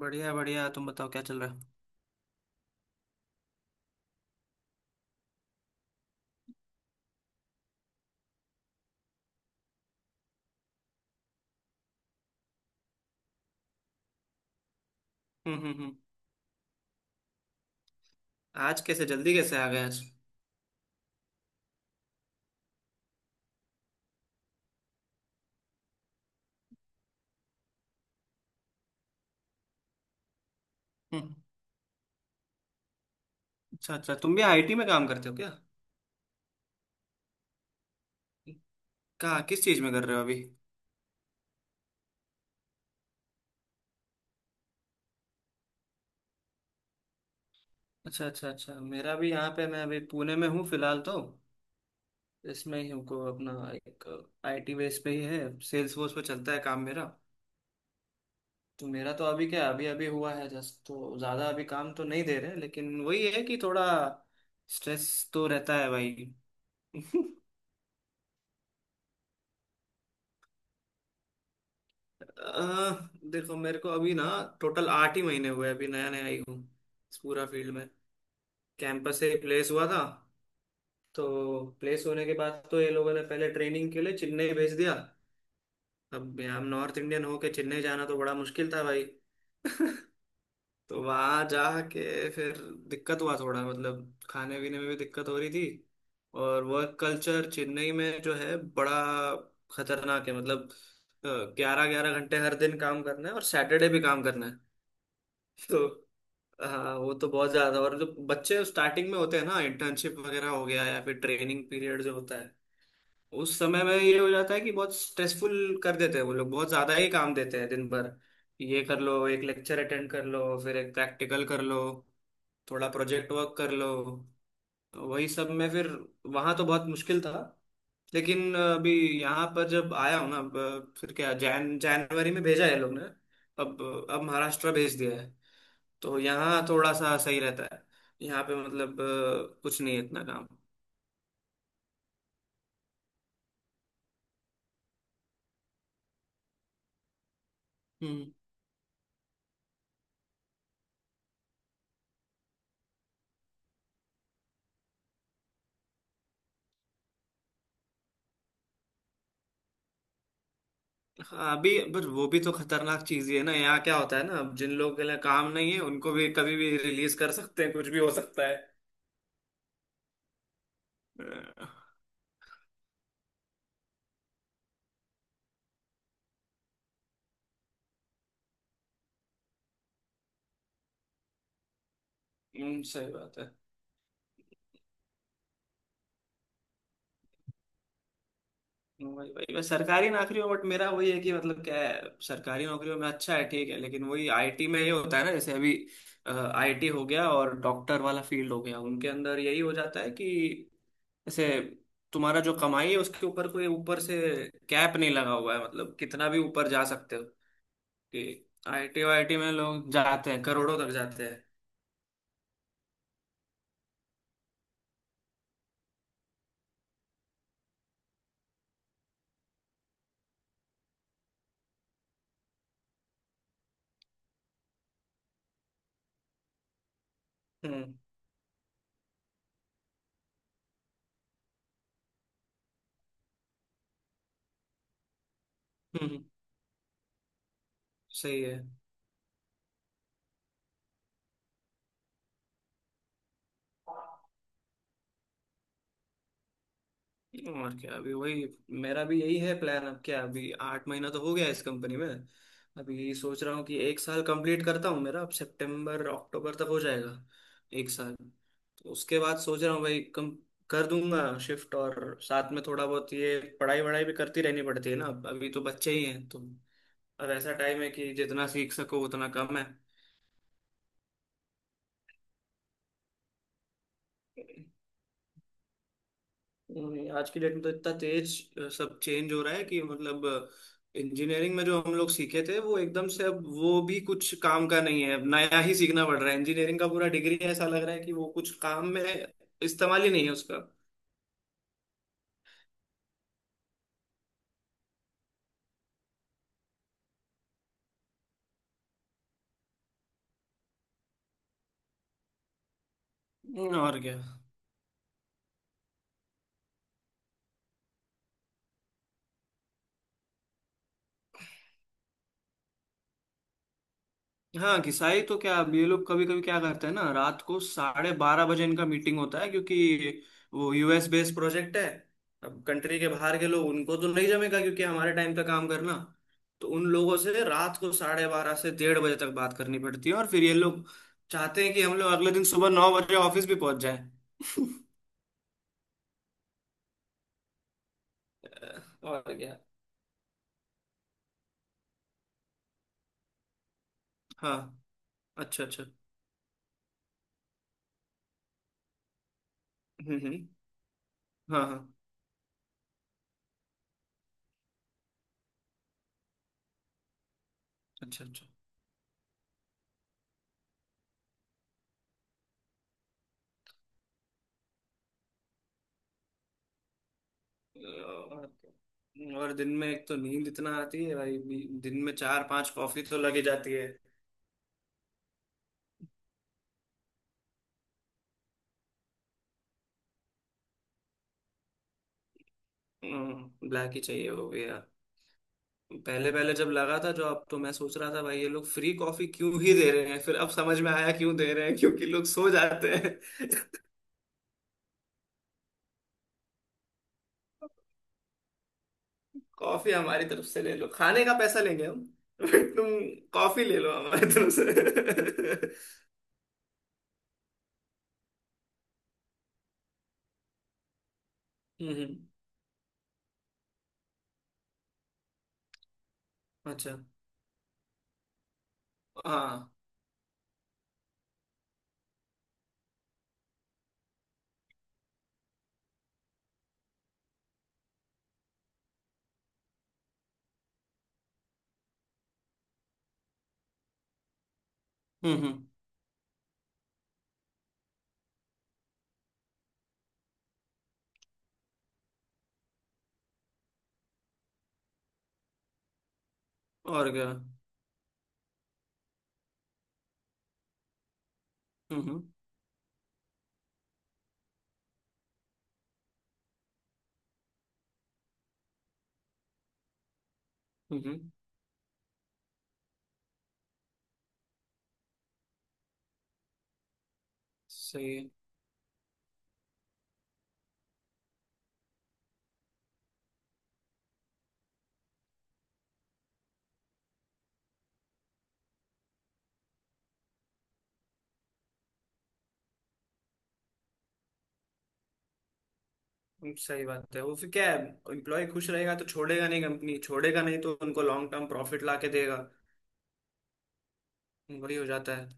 बढ़िया बढ़िया, तुम बताओ क्या चल रहा है। हम्म। आज कैसे जल्दी कैसे आ गए आज। हम्म। अच्छा अच्छा, तुम भी आईटी में काम करते हो क्या? कहाँ, किस चीज़ में कर रहे हो अभी? अच्छा अच्छा अच्छा, मेरा भी यहाँ पे, मैं अभी पुणे में हूँ फिलहाल तो। इसमें ही हूँ, को अपना एक आईटी बेस पे ही है, सेल्स फोर्स पे चलता है काम मेरा। तो मेरा तो अभी क्या, अभी अभी हुआ है जस्ट, तो ज़्यादा अभी काम तो नहीं दे रहे, लेकिन वही है कि थोड़ा स्ट्रेस तो रहता है भाई। अह, देखो मेरे को अभी ना, टोटल 8 ही महीने हुए, अभी नया नया आई हूँ इस पूरा फील्ड में। कैंपस से प्लेस हुआ था, तो प्लेस होने के बाद तो ये लोगों ने पहले ट्रेनिंग के लिए चेन्नई भेज दिया। अब हम नॉर्थ इंडियन होके चेन्नई जाना तो बड़ा मुश्किल था भाई। तो वहाँ जाके फिर दिक्कत हुआ थोड़ा, मतलब खाने पीने में भी दिक्कत हो रही थी। और वर्क कल्चर चेन्नई में जो है, बड़ा खतरनाक है मतलब। 11 11 घंटे हर दिन काम करना है, और सैटरडे भी काम करना है तो। हाँ वो तो बहुत ज्यादा, और जो बच्चे स्टार्टिंग में होते हैं ना, इंटर्नशिप वगैरह हो गया या फिर ट्रेनिंग पीरियड जो होता है, उस समय में ये हो जाता है कि बहुत स्ट्रेसफुल कर देते हैं, वो लोग बहुत ज्यादा ही काम देते हैं दिन भर। ये कर लो, एक लेक्चर अटेंड कर लो, फिर एक प्रैक्टिकल कर लो, थोड़ा प्रोजेक्ट वर्क कर लो, तो वही सब में फिर वहां तो बहुत मुश्किल था। लेकिन अभी यहाँ पर जब आया हूँ ना, अब फिर क्या, जैन जनवरी में भेजा है लोग ने। अब अब महाराष्ट्र भेज दिया है, तो यहाँ थोड़ा सा सही रहता है। यहाँ पे मतलब कुछ नहीं है इतना काम। हम्म। हाँ अभी, बट वो भी तो खतरनाक चीज ही है ना। यहाँ क्या होता है ना, अब जिन लोगों के लिए काम नहीं है उनको भी कभी भी रिलीज कर सकते हैं, कुछ भी हो सकता है। अ, सही बात है। वही वही बस सरकारी नौकरियों, बट मेरा वही है कि मतलब क्या है। सरकारी नौकरियों में अच्छा है, ठीक है, लेकिन वही आईटी में ये होता है ना, जैसे अभी आईटी हो गया और डॉक्टर वाला फील्ड हो गया, उनके अंदर यही हो जाता है कि जैसे तुम्हारा जो कमाई है उसके ऊपर कोई ऊपर से कैप नहीं लगा हुआ है, मतलब कितना भी ऊपर जा सकते हो। कि आईटी वाईटी में लोग जाते हैं करोड़ों तक जाते हैं। हम्म हम्म। सही है। और क्या, अभी वही मेरा भी यही है प्लान। अब क्या, अभी 8 महीना तो हो गया इस कंपनी में। अभी सोच रहा हूँ कि एक साल कंप्लीट करता हूँ, मेरा अब सितंबर अक्टूबर तक हो जाएगा एक साल। तो उसके बाद सोच रहा हूँ भाई, कम कर दूंगा शिफ्ट, और साथ में थोड़ा बहुत ये पढ़ाई वढ़ाई भी करती रहनी पड़ती है ना। अब अभी तो बच्चे ही हैं तो अब ऐसा टाइम है कि जितना सीख सको उतना कम है। नहीं, आज की डेट में तो इतना तेज सब चेंज हो रहा है कि मतलब इंजीनियरिंग में जो हम लोग सीखे थे वो एकदम से, अब वो भी कुछ काम का नहीं है, अब नया ही सीखना पड़ रहा है। इंजीनियरिंग का पूरा डिग्री ऐसा लग रहा है कि वो कुछ काम में इस्तेमाल ही नहीं है उसका। और क्या। हाँ घिसाई तो क्या, अब ये लोग कभी कभी क्या करते हैं ना, रात को 12:30 बजे इनका मीटिंग होता है, क्योंकि वो यूएस बेस्ड प्रोजेक्ट है। अब कंट्री के बाहर के लोग उनको तो नहीं जमेगा क्योंकि हमारे टाइम पे काम करना। तो उन लोगों से रात को 12:30 से 1:30 बजे तक बात करनी पड़ती है, और फिर ये लोग चाहते हैं कि हम लोग अगले दिन सुबह 9 बजे ऑफिस भी पहुंच जाए। और क्या। हाँ। अच्छा अच्छा। हम्म। हाँ हाँ। अच्छा अच्छा। और दिन में एक तो नींद इतना आती है भाई, दिन में चार पांच कॉफी तो लगी जाती है। ब्लैक ही चाहिए वो भी यार। पहले पहले जब लगा था जो, अब तो मैं सोच रहा था भाई ये लोग फ्री कॉफी क्यों ही दे रहे हैं, फिर अब समझ में आया क्यों दे रहे हैं, क्योंकि लोग सो जाते हैं। कॉफी हमारी तरफ से ले लो, खाने का पैसा लेंगे हम। बट तुम कॉफी ले लो हमारी तरफ से। हम्म। अच्छा। हाँ। हम्म। और क्या। हम्म हम्म हम्म, सही है। सही बात है, वो फिर क्या है, एम्प्लॉय खुश रहेगा तो छोड़ेगा नहीं कंपनी, छोड़ेगा नहीं तो उनको लॉन्ग टर्म प्रॉफिट ला के देगा। वही हो जाता है।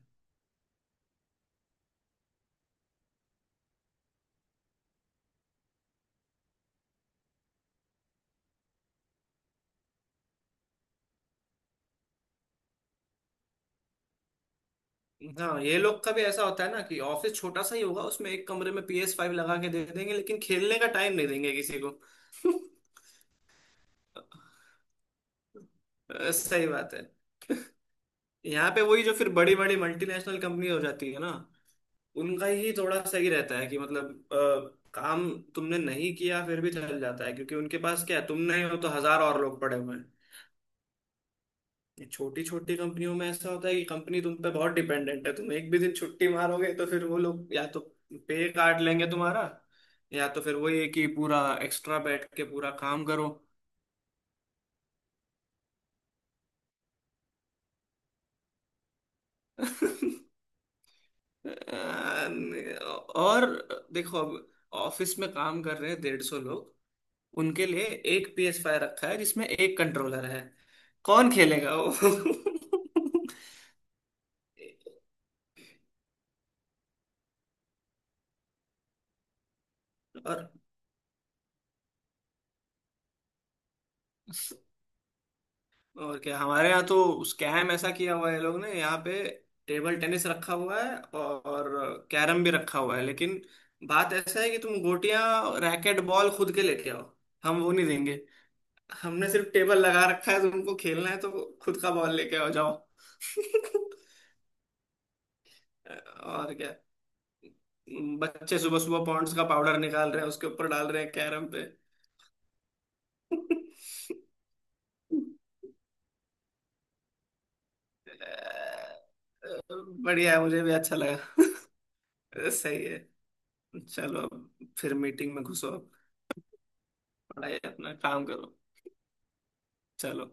हाँ ये लोग का भी ऐसा होता है ना कि ऑफिस छोटा सा ही होगा, उसमें एक कमरे में पी एस फाइव लगा के दे देंगे लेकिन खेलने का टाइम नहीं देंगे किसी को। सही बात है। यहाँ पे वही, जो फिर बड़ी बड़ी मल्टीनेशनल कंपनी हो जाती है ना, उनका ही थोड़ा सही रहता है कि मतलब काम तुमने नहीं किया फिर भी चल जाता है, क्योंकि उनके पास क्या है, तुम नहीं हो तो हजार और लोग पड़े हुए हैं। छोटी छोटी कंपनियों में ऐसा होता है कि कंपनी तुम पे बहुत डिपेंडेंट है, तुम एक भी दिन छुट्टी मारोगे तो फिर वो लोग या तो पे काट लेंगे तुम्हारा, या तो फिर वही है कि पूरा एक्स्ट्रा बैठ के पूरा काम करो। और देखो अब, ऑफिस में काम कर रहे हैं 150 लोग, उनके लिए एक PS5 फाइव रखा है जिसमें एक कंट्रोलर है, कौन खेलेगा वो। और और क्या, हमारे यहाँ तो स्कैम ऐसा किया हुआ है ये लोग ने। यहाँ पे टेबल टेनिस रखा हुआ है और कैरम भी रखा हुआ है, लेकिन बात ऐसा है कि तुम गोटियां रैकेट बॉल खुद के लेके आओ, हम वो नहीं देंगे। हमने सिर्फ टेबल लगा रखा है, तुमको खेलना है तो खुद का बॉल लेके आओ जाओ। और क्या, बच्चे सुबह सुबह पॉन्ड्स का पाउडर निकाल रहे हैं, उसके ऊपर डाल रहे हैं कैरम पे। बढ़िया है, मुझे भी अच्छा लगा। सही है। चलो, अब फिर मीटिंग में घुसो आप, पढ़ाई अपना काम करो। चलो।